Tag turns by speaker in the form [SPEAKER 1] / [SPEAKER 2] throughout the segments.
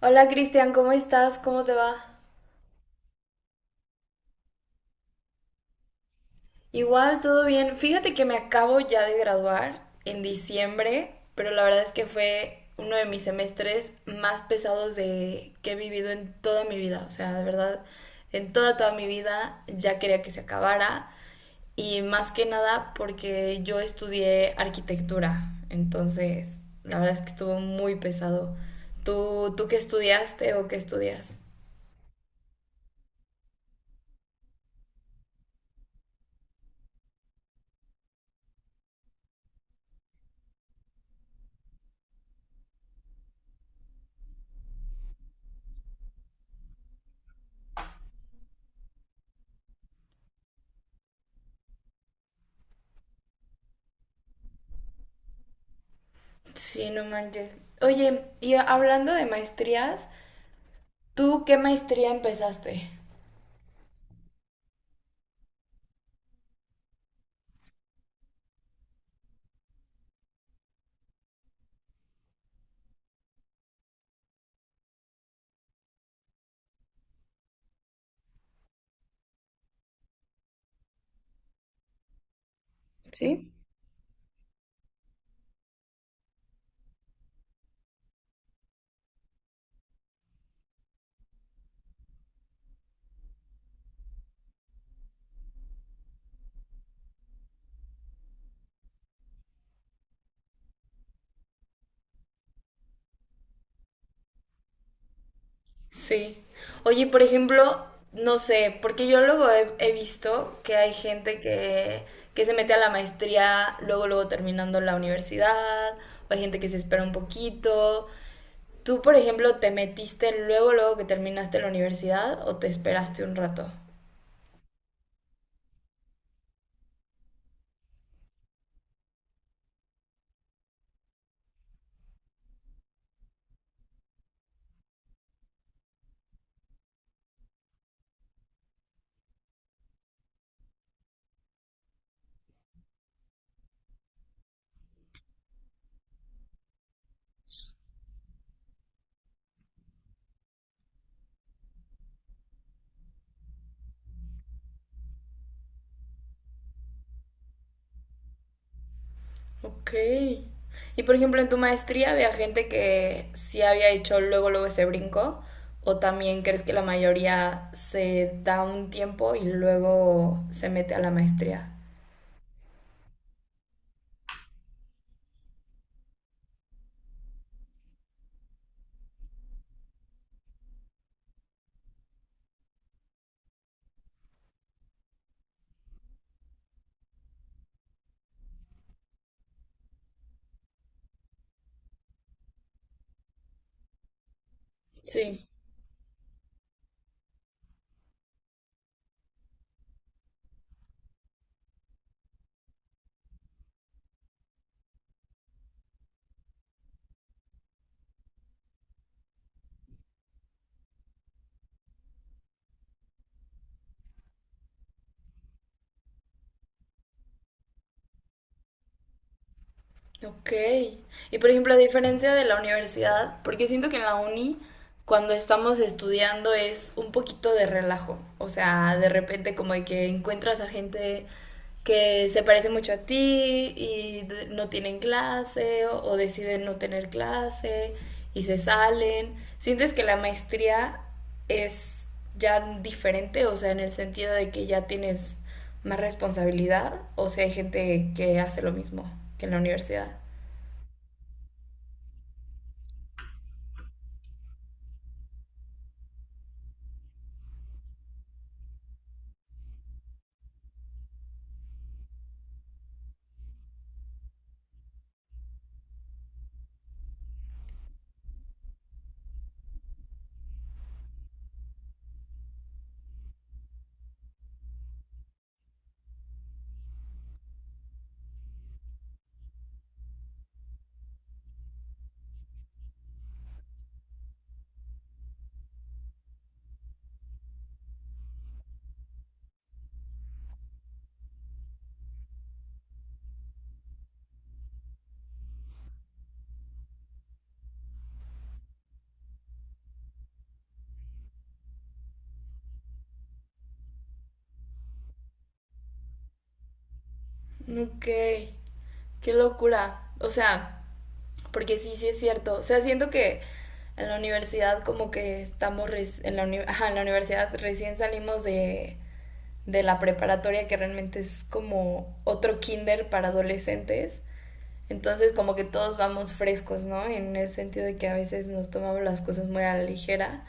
[SPEAKER 1] Hola Cristian, ¿cómo estás? ¿Cómo te va? Igual, todo bien. Fíjate que me acabo ya de graduar en diciembre, pero la verdad es que fue uno de mis semestres más pesados de que he vivido en toda mi vida. O sea, de verdad, en toda toda mi vida ya quería que se acabara y más que nada porque yo estudié arquitectura. Entonces, la verdad es que estuvo muy pesado. ¿Tú qué estudiaste o qué estudias? Sí, no manches. Oye, y hablando de maestrías, ¿tú qué maestría empezaste? ¿Sí? Sí. Oye, por ejemplo, no sé, porque yo luego he visto que hay gente que se mete a la maestría luego, luego terminando la universidad, o hay gente que se espera un poquito. ¿Tú, por ejemplo, te metiste luego, luego que terminaste la universidad o te esperaste un rato? Ok. Y por ejemplo, en tu maestría había gente que sí había hecho luego, luego ese brinco, o también crees que la mayoría se da un tiempo y luego se mete a la maestría. Sí. Ok. Y por ejemplo, a diferencia de la universidad, porque siento que en la uni, cuando estamos estudiando, es un poquito de relajo. O sea, de repente como de que encuentras a gente que se parece mucho a ti y no tienen clase o deciden no tener clase y se salen. ¿Sientes que la maestría es ya diferente? O sea, en el sentido de que ya tienes más responsabilidad, o sea hay gente que hace lo mismo que en la universidad. Ok, qué locura. O sea, porque sí, sí es cierto. O sea, siento que en la universidad como que estamos res- en la, uni- ajá, en la universidad recién salimos de la preparatoria que realmente es como otro kinder para adolescentes. Entonces como que todos vamos frescos, ¿no? En el sentido de que a veces nos tomamos las cosas muy a la ligera.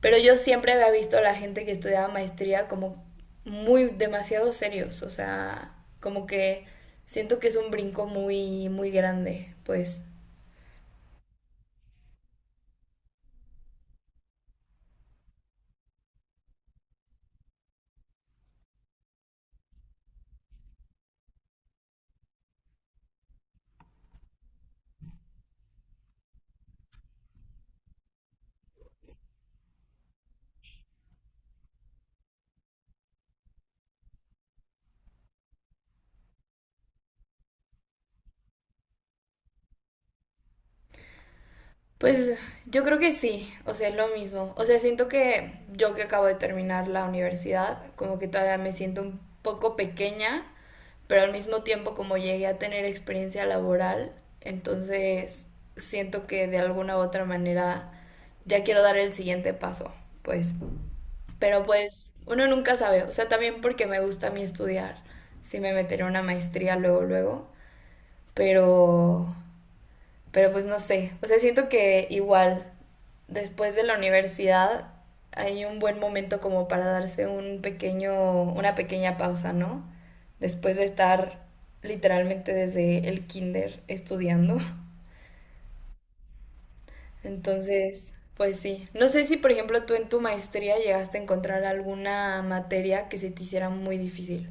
[SPEAKER 1] Pero yo siempre había visto a la gente que estudiaba maestría como muy demasiado serios, o sea, como que siento que es un brinco muy, muy grande, pues. Pues yo creo que sí, o sea, es lo mismo. O sea, siento que yo que acabo de terminar la universidad, como que todavía me siento un poco pequeña, pero al mismo tiempo como llegué a tener experiencia laboral, entonces siento que de alguna u otra manera ya quiero dar el siguiente paso, pues. Pero pues uno nunca sabe, o sea, también porque me gusta a mí estudiar, si me meteré en una maestría luego, luego, pero... Pero pues no sé, o sea, siento que igual después de la universidad hay un buen momento como para darse una pequeña pausa, ¿no? Después de estar literalmente desde el kinder estudiando. Entonces, pues sí. No sé si, por ejemplo, tú en tu maestría llegaste a encontrar alguna materia que se te hiciera muy difícil.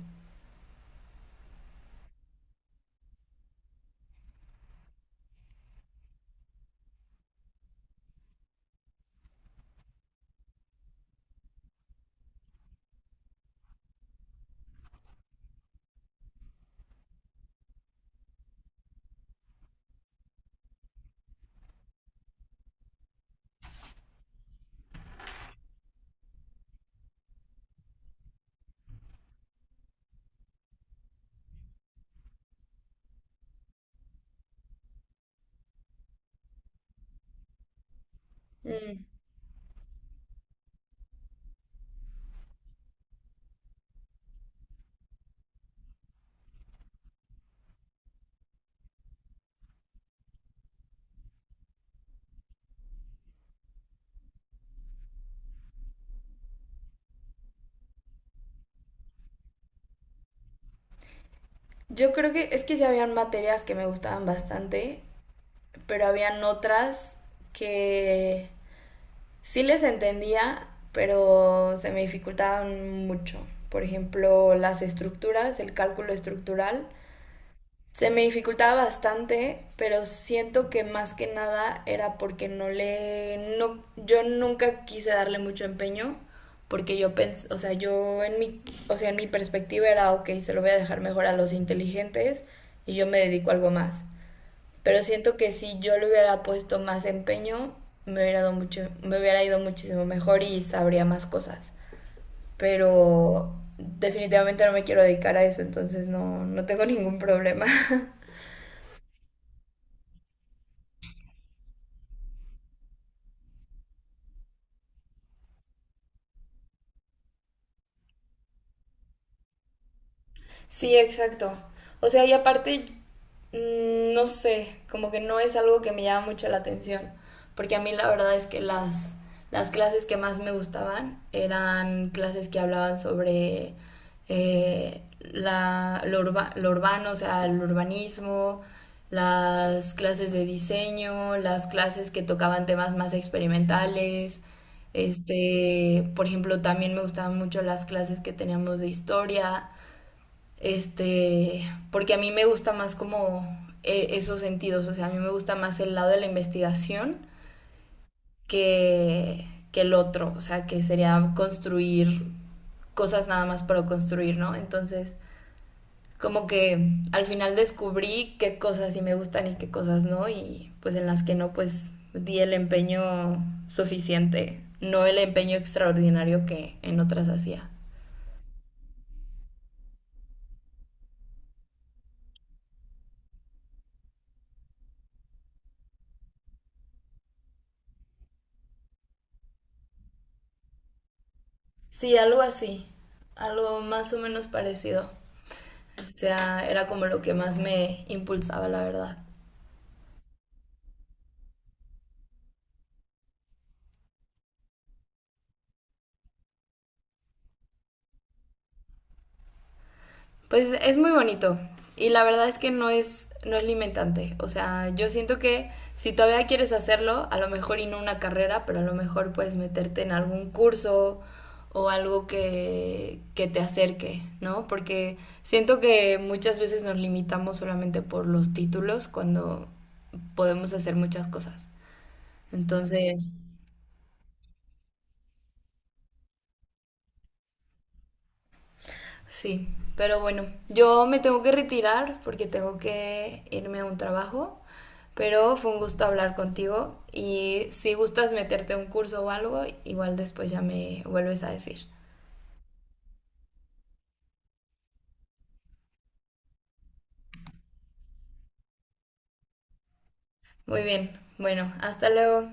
[SPEAKER 1] Mm. Yo creo que es que sí habían materias que me gustaban bastante, pero habían otras que sí les entendía, pero se me dificultaban mucho. Por ejemplo, las estructuras, el cálculo estructural. Se me dificultaba bastante, pero siento que más que nada era porque no le no yo nunca quise darle mucho empeño porque yo pensé, o sea, en mi perspectiva era, ok, se lo voy a dejar mejor a los inteligentes y yo me dedico a algo más. Pero siento que si yo le hubiera puesto más empeño, me hubiera ido muchísimo mejor y sabría más cosas. Pero definitivamente no me quiero dedicar a eso, entonces no, no tengo ningún problema. Sí, exacto. O sea, y aparte, mm, no sé, como que no es algo que me llama mucho la atención, porque a mí la verdad es que las clases que más me gustaban eran clases que hablaban sobre lo urbano, o sea, el urbanismo, las clases de diseño, las clases que tocaban temas más experimentales. Este, por ejemplo, también me gustaban mucho las clases que teníamos de historia. Este, porque a mí me gusta más como esos sentidos, o sea, a mí me gusta más el lado de la investigación que, que el otro, o sea, que sería construir cosas nada más para construir, ¿no? Entonces, como que al final descubrí qué cosas sí me gustan y qué cosas no, y pues en las que no, pues di el empeño suficiente, no el empeño extraordinario que en otras hacía. Sí, algo así, algo más o menos parecido. O sea, era como lo que más me impulsaba, la verdad. Pues es muy bonito y la verdad es que no es limitante. O sea, yo siento que si todavía quieres hacerlo, a lo mejor y no una carrera, pero a lo mejor puedes meterte en algún curso o algo que te acerque, ¿no? Porque siento que muchas veces nos limitamos solamente por los títulos cuando podemos hacer muchas cosas. Entonces, sí, pero bueno, yo me tengo que retirar porque tengo que irme a un trabajo, pero fue un gusto hablar contigo y si gustas meterte a un curso o algo, igual después ya me vuelves a decir. Muy bien, bueno, hasta luego.